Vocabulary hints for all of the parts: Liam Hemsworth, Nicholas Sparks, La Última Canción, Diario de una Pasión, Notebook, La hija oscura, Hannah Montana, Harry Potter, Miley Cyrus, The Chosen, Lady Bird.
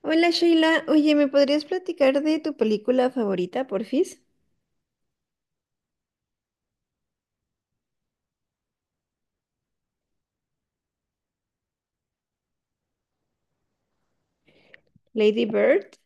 Hola Sheila, oye, ¿me podrías platicar de tu película favorita, porfis? Lady Bird.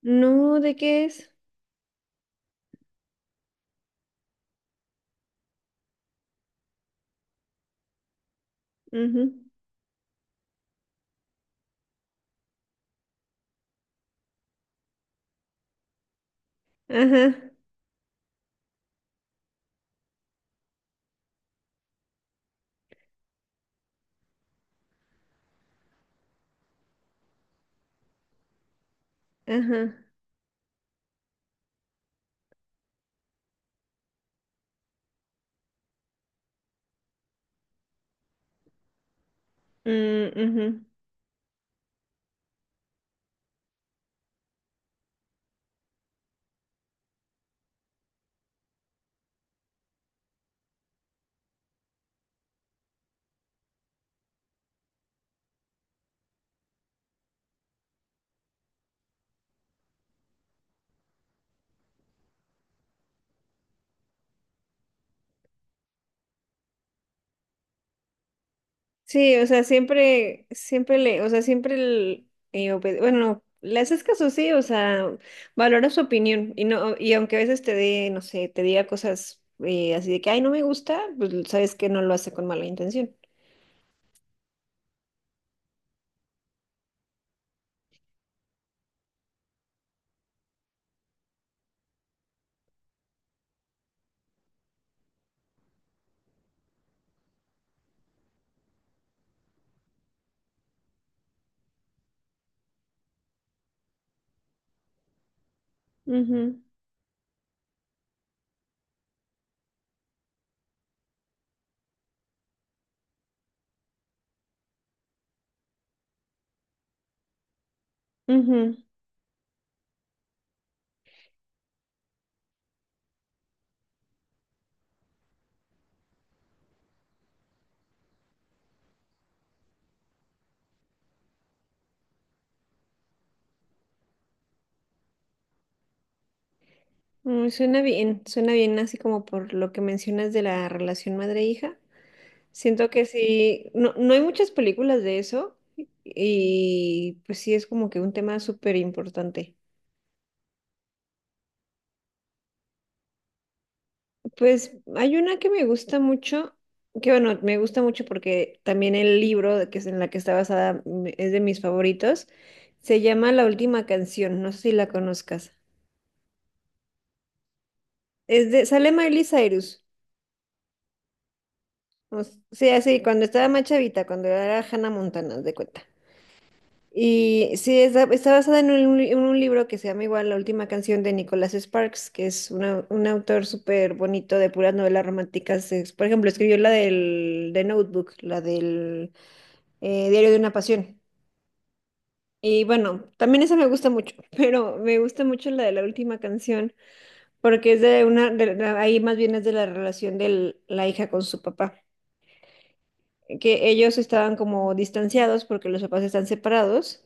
No, ¿de qué es? Ujú. Ajá, ajá. Mm, ujú. Sí, o sea, siempre le, o sea, siempre bueno, le haces caso, sí, o sea, valora su opinión y no, y aunque a veces te dé, no sé, te diga cosas así de que, ay, no me gusta, pues sabes que no lo hace con mala intención. Ujú, ujú. Mm, suena bien, suena bien así como por lo que mencionas de la relación madre-hija. Siento que sí, no, no hay muchas películas de eso, y pues sí es como que un tema súper importante. Pues hay una que me gusta mucho, que bueno, me gusta mucho porque también el libro de que es en la que está basada es de mis favoritos. Se llama La Última Canción, no sé si la conozcas. Es de, sale Miley Cyrus. O sea, sí, cuando estaba más chavita, cuando era Hannah Montana, haz de cuenta. Y sí, está basada en un, en un libro que se llama igual La Última Canción de Nicholas Sparks, que es un autor súper bonito de puras novelas románticas. Por ejemplo, escribió la del de Notebook, la del Diario de una Pasión. Y bueno, también esa me gusta mucho, pero me gusta mucho la de La Última Canción, porque es de una, ahí más bien es de la relación de la hija con su papá. Que ellos estaban como distanciados porque los papás están separados,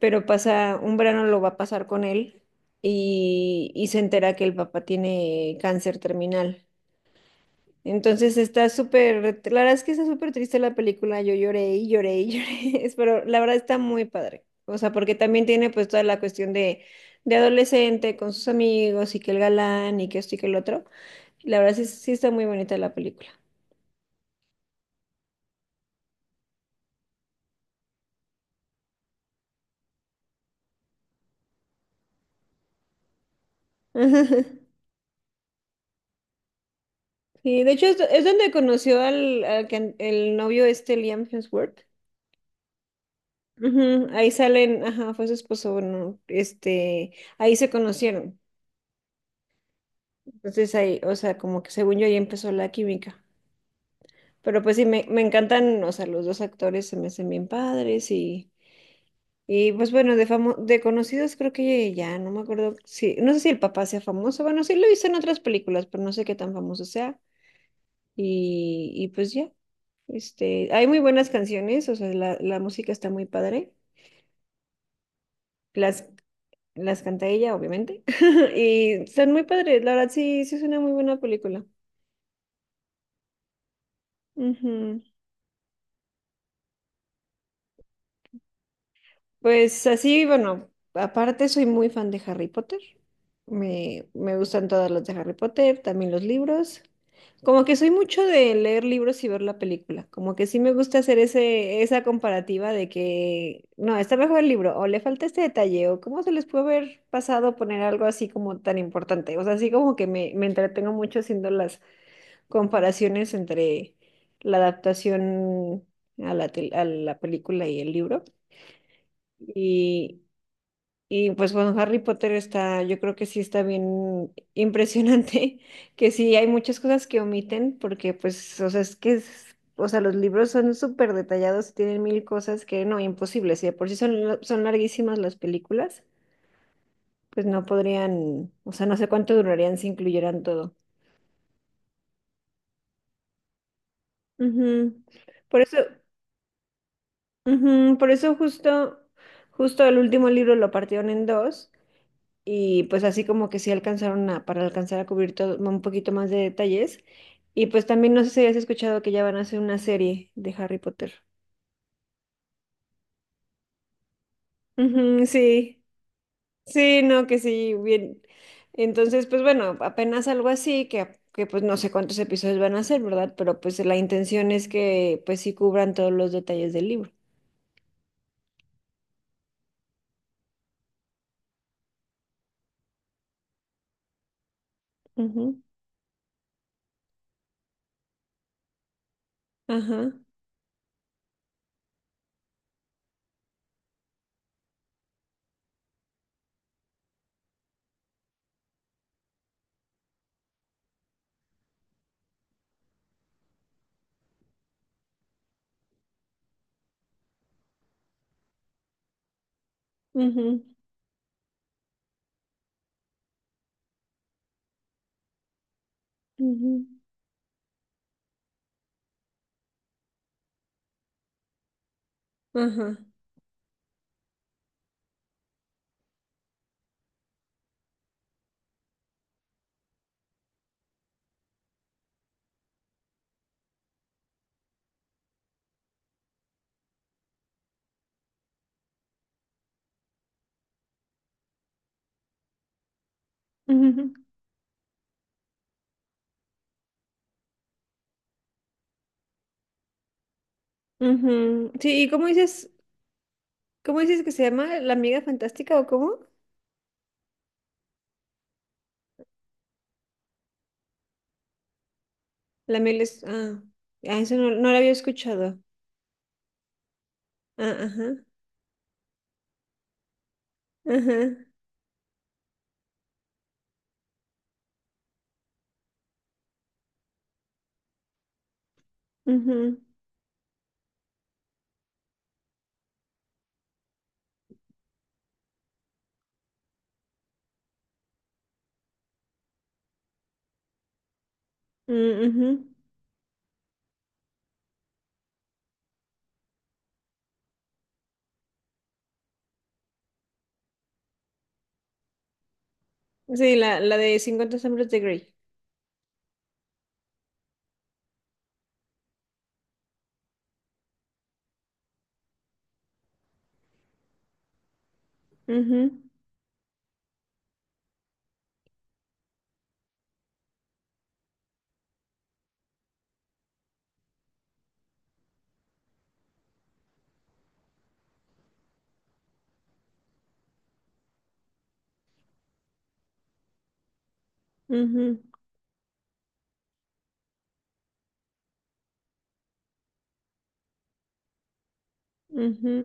pero pasa, un verano lo va a pasar con él, y se entera que el papá tiene cáncer terminal. Entonces está súper, la verdad es que está súper triste la película, yo lloré y lloré y lloré, pero la verdad está muy padre, o sea, porque también tiene pues toda la cuestión de adolescente con sus amigos y que el galán y que esto y que el otro. La verdad sí, sí está muy bonita la película. Sí, de hecho es donde conoció al, el novio este Liam Hemsworth. Ujú, ahí salen, ajá, fue su esposo, bueno, este, ahí se conocieron. Entonces ahí, o sea, como que según yo ahí empezó la química. Pero pues sí, me encantan, o sea, los dos actores se me hacen bien padres y pues bueno, de conocidos creo que ya, no me acuerdo si, no sé si el papá sea famoso, bueno, sí lo hizo en otras películas, pero no sé qué tan famoso sea. Y pues ya. Este, hay muy buenas canciones, o sea, la música está muy padre. Las, las canta ella, obviamente. Y están muy padres, la verdad sí, sí es una muy buena película. Ujú. Pues así, bueno, aparte soy muy fan de Harry Potter. Me gustan todas las de Harry Potter, también los libros. Como que soy mucho de leer libros y ver la película. Como que sí me gusta hacer ese, esa comparativa de que, no, está mejor el libro, o le falta este detalle, o cómo se les puede haber pasado poner algo así como tan importante. O sea, así como que me entretengo mucho haciendo las comparaciones entre la adaptación a a la película y el libro. y y pues bueno, Harry Potter está, yo creo que sí está bien impresionante, que sí hay muchas cosas que omiten, porque pues, o sea, es que, o sea, los libros son súper detallados, tienen mil cosas que no, imposibles, y de por sí son, son larguísimas las películas, pues no podrían, o sea, no sé cuánto durarían si incluyeran todo. Ujú. Por eso, ujú, por eso justo, justo el último libro lo partieron en dos, y pues así como que sí alcanzaron a, para alcanzar a cubrir todo, un poquito más de detalles. Y pues también no sé si has escuchado que ya van a hacer una serie de Harry Potter. Ujú, sí, sí, no, que sí, bien. Entonces, pues bueno, apenas algo así, que pues no sé cuántos episodios van a hacer, ¿verdad? Pero pues la intención es que pues sí cubran todos los detalles del libro. Ujú, ajá, ujú, ujú, ajá. Ujú. Ujú. Sí, ¿y cómo dices que se llama? ¿La amiga fantástica o cómo? La miel es... Ah, ah, eso no, no lo había escuchado. Ah, ajá, ajá, ujú, mm, ujú. Sí, la de 50 sombras de Grey. Ujú, ujú, ujú,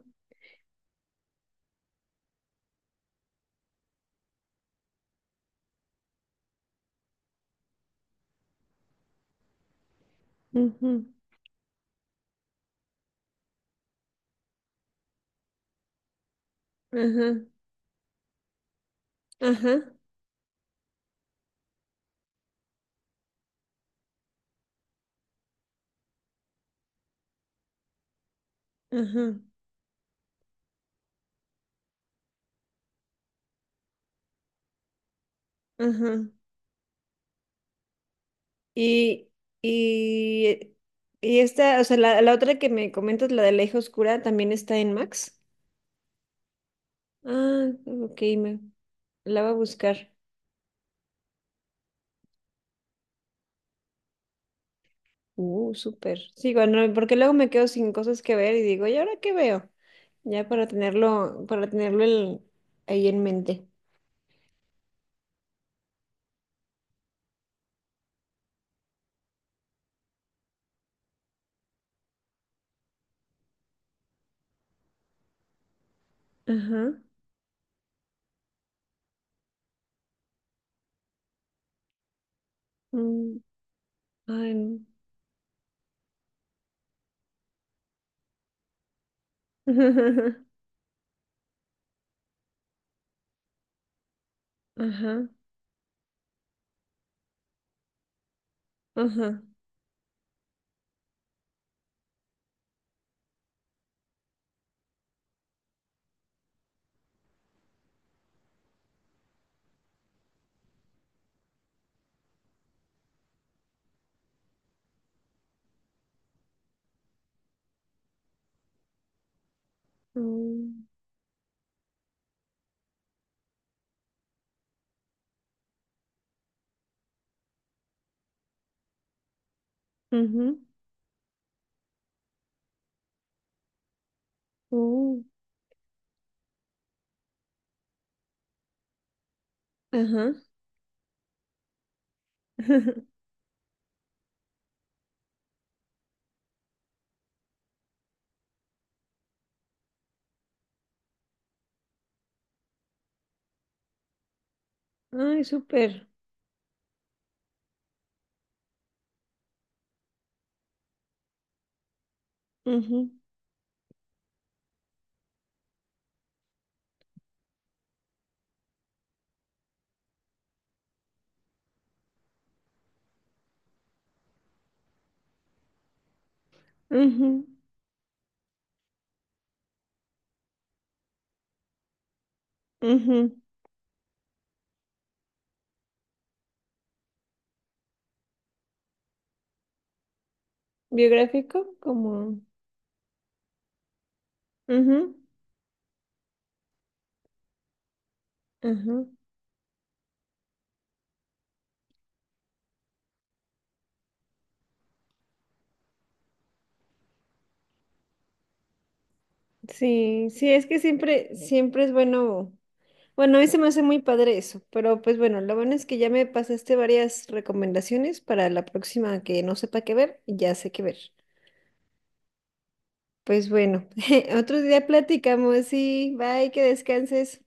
ujú, ajá, ajá, ajá, ajá. Y, y, y esta, o sea, la otra que me comentas, la de la hija oscura, también está en Max. Ah, ok, me, la voy a buscar. Súper. Sí, bueno, porque luego me quedo sin cosas que ver y digo, ¿y ahora qué veo? Ya para tenerlo, ahí en mente. Ajá. Mm, ay, no. Ajá. Ajá. Mm, ujú, uh, ajá. Ay, súper. Ujú, ujú, ujú. Biográfico, como. Ujú, ajá. Sí, sí, es que siempre, siempre es bueno. Bueno, a mí se me hace muy padre eso, pero pues bueno, lo bueno es que ya me pasaste varias recomendaciones para la próxima que no sepa qué ver, ya sé qué ver. Pues bueno, otro día platicamos y bye, que descanses.